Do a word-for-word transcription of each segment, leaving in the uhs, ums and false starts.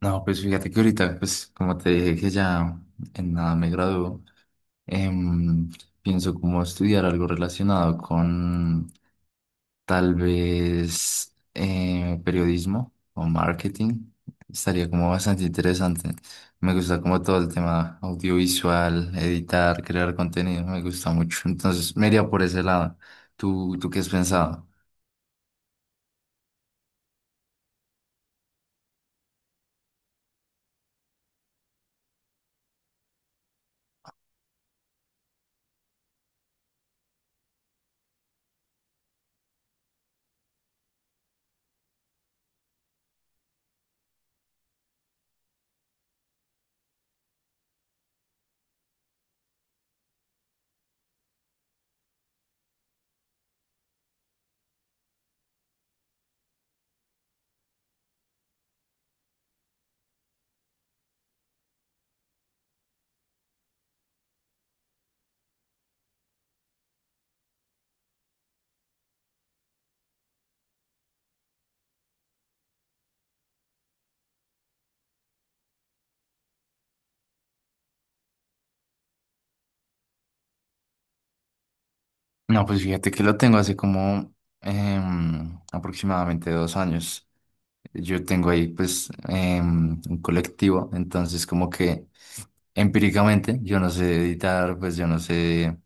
No, pues fíjate que ahorita, pues como te dije que ya en nada me gradúo, em, pienso como estudiar algo relacionado con tal vez eh, periodismo o marketing. Estaría como bastante interesante. Me gusta como todo el tema audiovisual, editar, crear contenido, me gusta mucho. Entonces me iría por ese lado. ¿Tú, tú qué has pensado? No, pues fíjate que lo tengo hace como em, aproximadamente dos años. Yo tengo ahí pues em, un colectivo, entonces como que empíricamente yo no sé editar, pues yo no sé,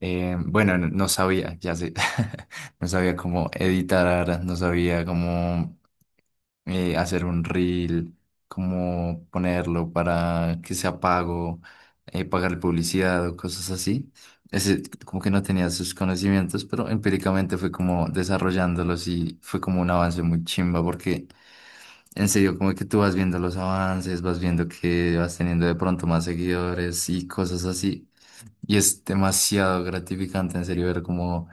em, bueno, n- no sabía, ya sé, no sabía cómo editar, no sabía cómo eh, hacer un reel, cómo ponerlo para que sea pago, eh, pagar publicidad o cosas así ese, como que no tenía sus conocimientos, pero empíricamente fue como desarrollándolos y fue como un avance muy chimba porque en serio, como que tú vas viendo los avances, vas viendo que vas teniendo de pronto más seguidores y cosas así. Y es demasiado gratificante en serio ver como,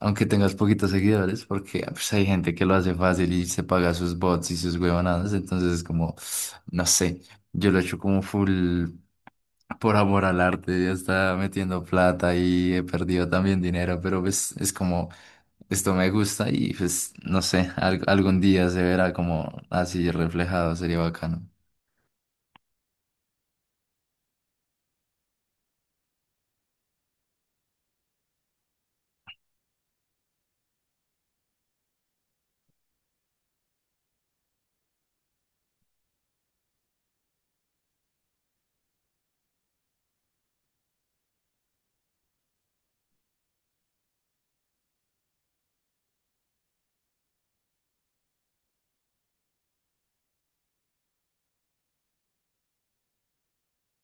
aunque tengas poquitos seguidores, porque pues, hay gente que lo hace fácil y se paga sus bots y sus huevonadas, entonces es como, no sé. Yo lo he hecho como full por amor al arte, ya está metiendo plata y he perdido también dinero, pero pues es como, esto me gusta y pues no sé, al- algún día se verá como así reflejado, sería bacano.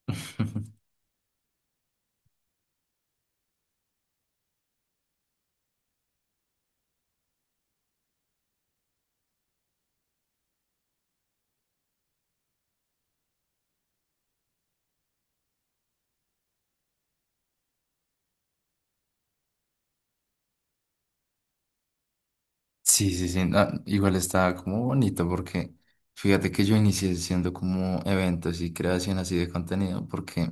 Sí, sí, sí, no, igual está como bonito porque fíjate que yo inicié haciendo como eventos y creación así de contenido porque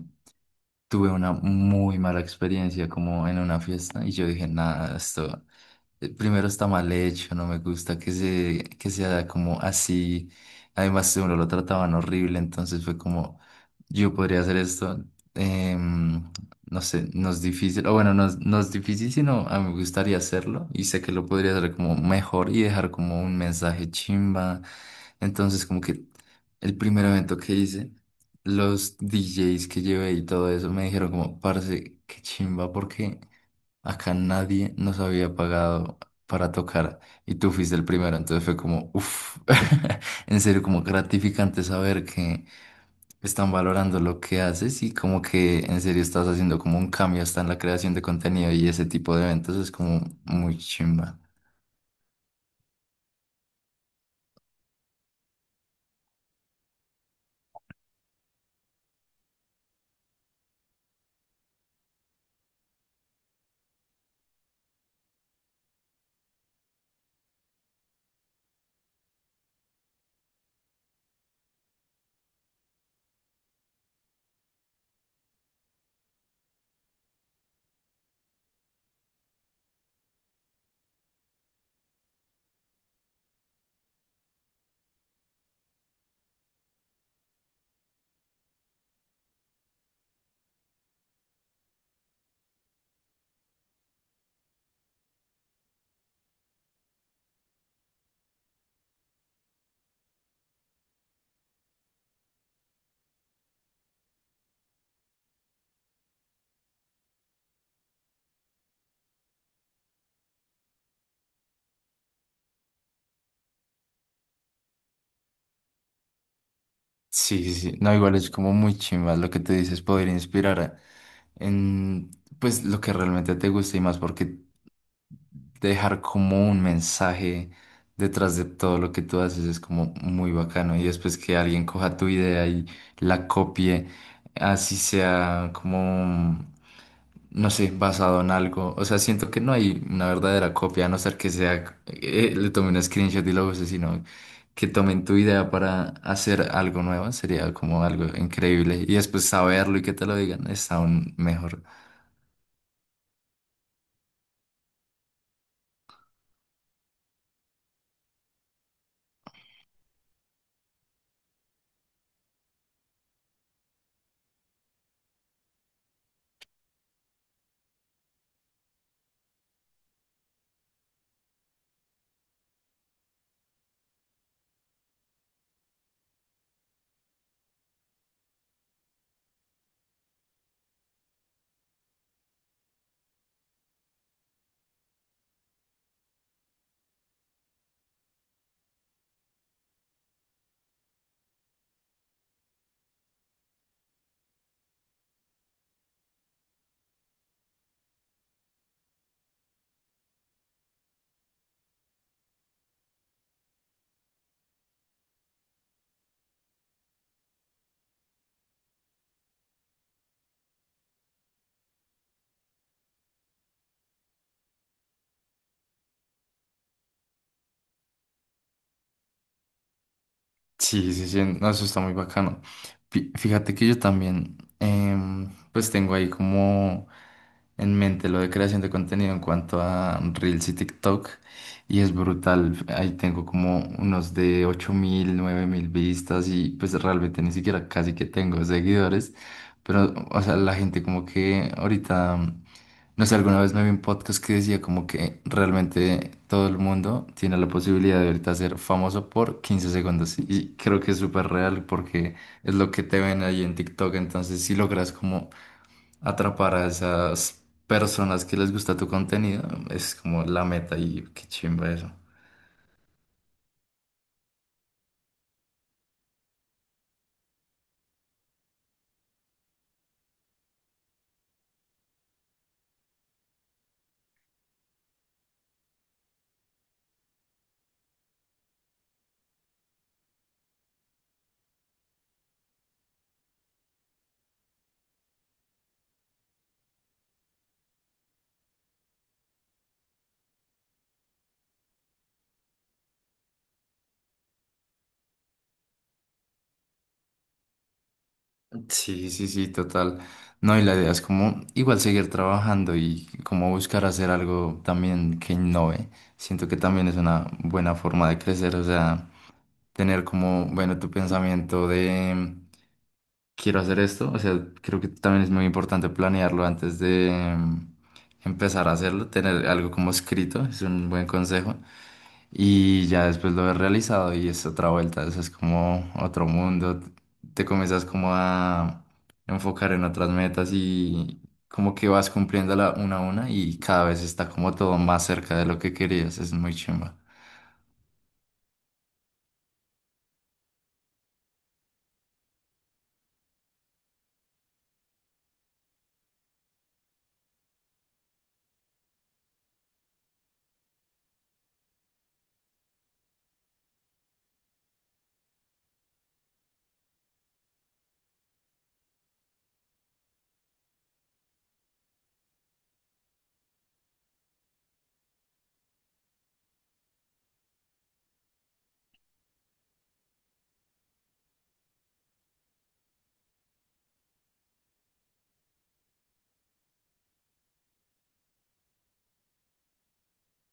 tuve una muy mala experiencia como en una fiesta y yo dije, nada, esto, eh, primero está mal hecho, no me gusta que se, que sea como así. Además, si uno lo trataban horrible, entonces fue como, yo podría hacer esto. em, no sé, no es difícil, o bueno, no es, no es difícil, sino a mí me gustaría hacerlo y sé que lo podría hacer como mejor y dejar como un mensaje chimba. Entonces, como que el primer evento que hice, los D Js que llevé y todo eso me dijeron como, parce, qué chimba, porque acá nadie nos había pagado para tocar y tú fuiste el primero, entonces fue como, uff, en serio, como gratificante saber que están valorando lo que haces y como que en serio estás haciendo como un cambio hasta en la creación de contenido y ese tipo de eventos es como muy chimba. Sí, sí, sí. No, igual es como muy chimba lo que te dices, poder inspirar a- en pues lo que realmente te gusta y más porque dejar como un mensaje detrás de todo lo que tú haces es como muy bacano. Y después que alguien coja tu idea y la copie, así sea como, no sé, basado en algo. O sea, siento que no hay una verdadera copia, a no ser que sea, eh, le tomen un screenshot y lo use, sino que tomen tu idea para hacer algo nuevo. Sería como algo increíble. Y después saberlo y que te lo digan, es aún mejor. Sí, sí, sí, no, eso está muy bacano. Fí- Fíjate que yo también, em, pues tengo ahí como en mente lo de creación de contenido en cuanto a Reels y TikTok, y es brutal. Ahí tengo como unos de ocho mil, nueve mil vistas, y pues realmente ni siquiera casi que tengo seguidores, pero, o sea, la gente como que ahorita. No sé, alguna vez me vi un podcast que decía como que realmente todo el mundo tiene la posibilidad de ahorita ser famoso por quince segundos. Y creo que es súper real porque es lo que te ven ahí en TikTok. Entonces, si logras como atrapar a esas personas que les gusta tu contenido, es como la meta y qué chimba eso. Sí, sí, sí, total. No, y la idea es como igual seguir trabajando y como buscar hacer algo también que innove. Siento que también es una buena forma de crecer, o sea, tener como, bueno, tu pensamiento de quiero hacer esto. O sea, creo que también es muy importante planearlo antes de em, empezar a hacerlo, tener algo como escrito, es un buen consejo. Y ya después lo ves realizado y es otra vuelta, eso es como otro mundo. Te comienzas como a enfocar en otras metas y como que vas cumpliéndola una a una y cada vez está como todo más cerca de lo que querías, es muy chimba.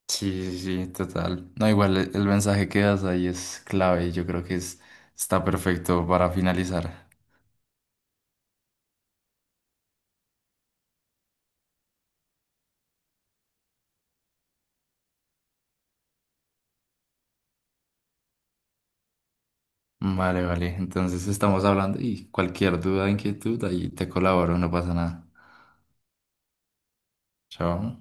Sí, sí, sí, total. No, igual e- el mensaje que das ahí es clave y yo creo que es, está perfecto para finalizar. Vale, vale. Entonces estamos hablando y cualquier duda, inquietud, ahí te colaboro, no pasa nada. Chao.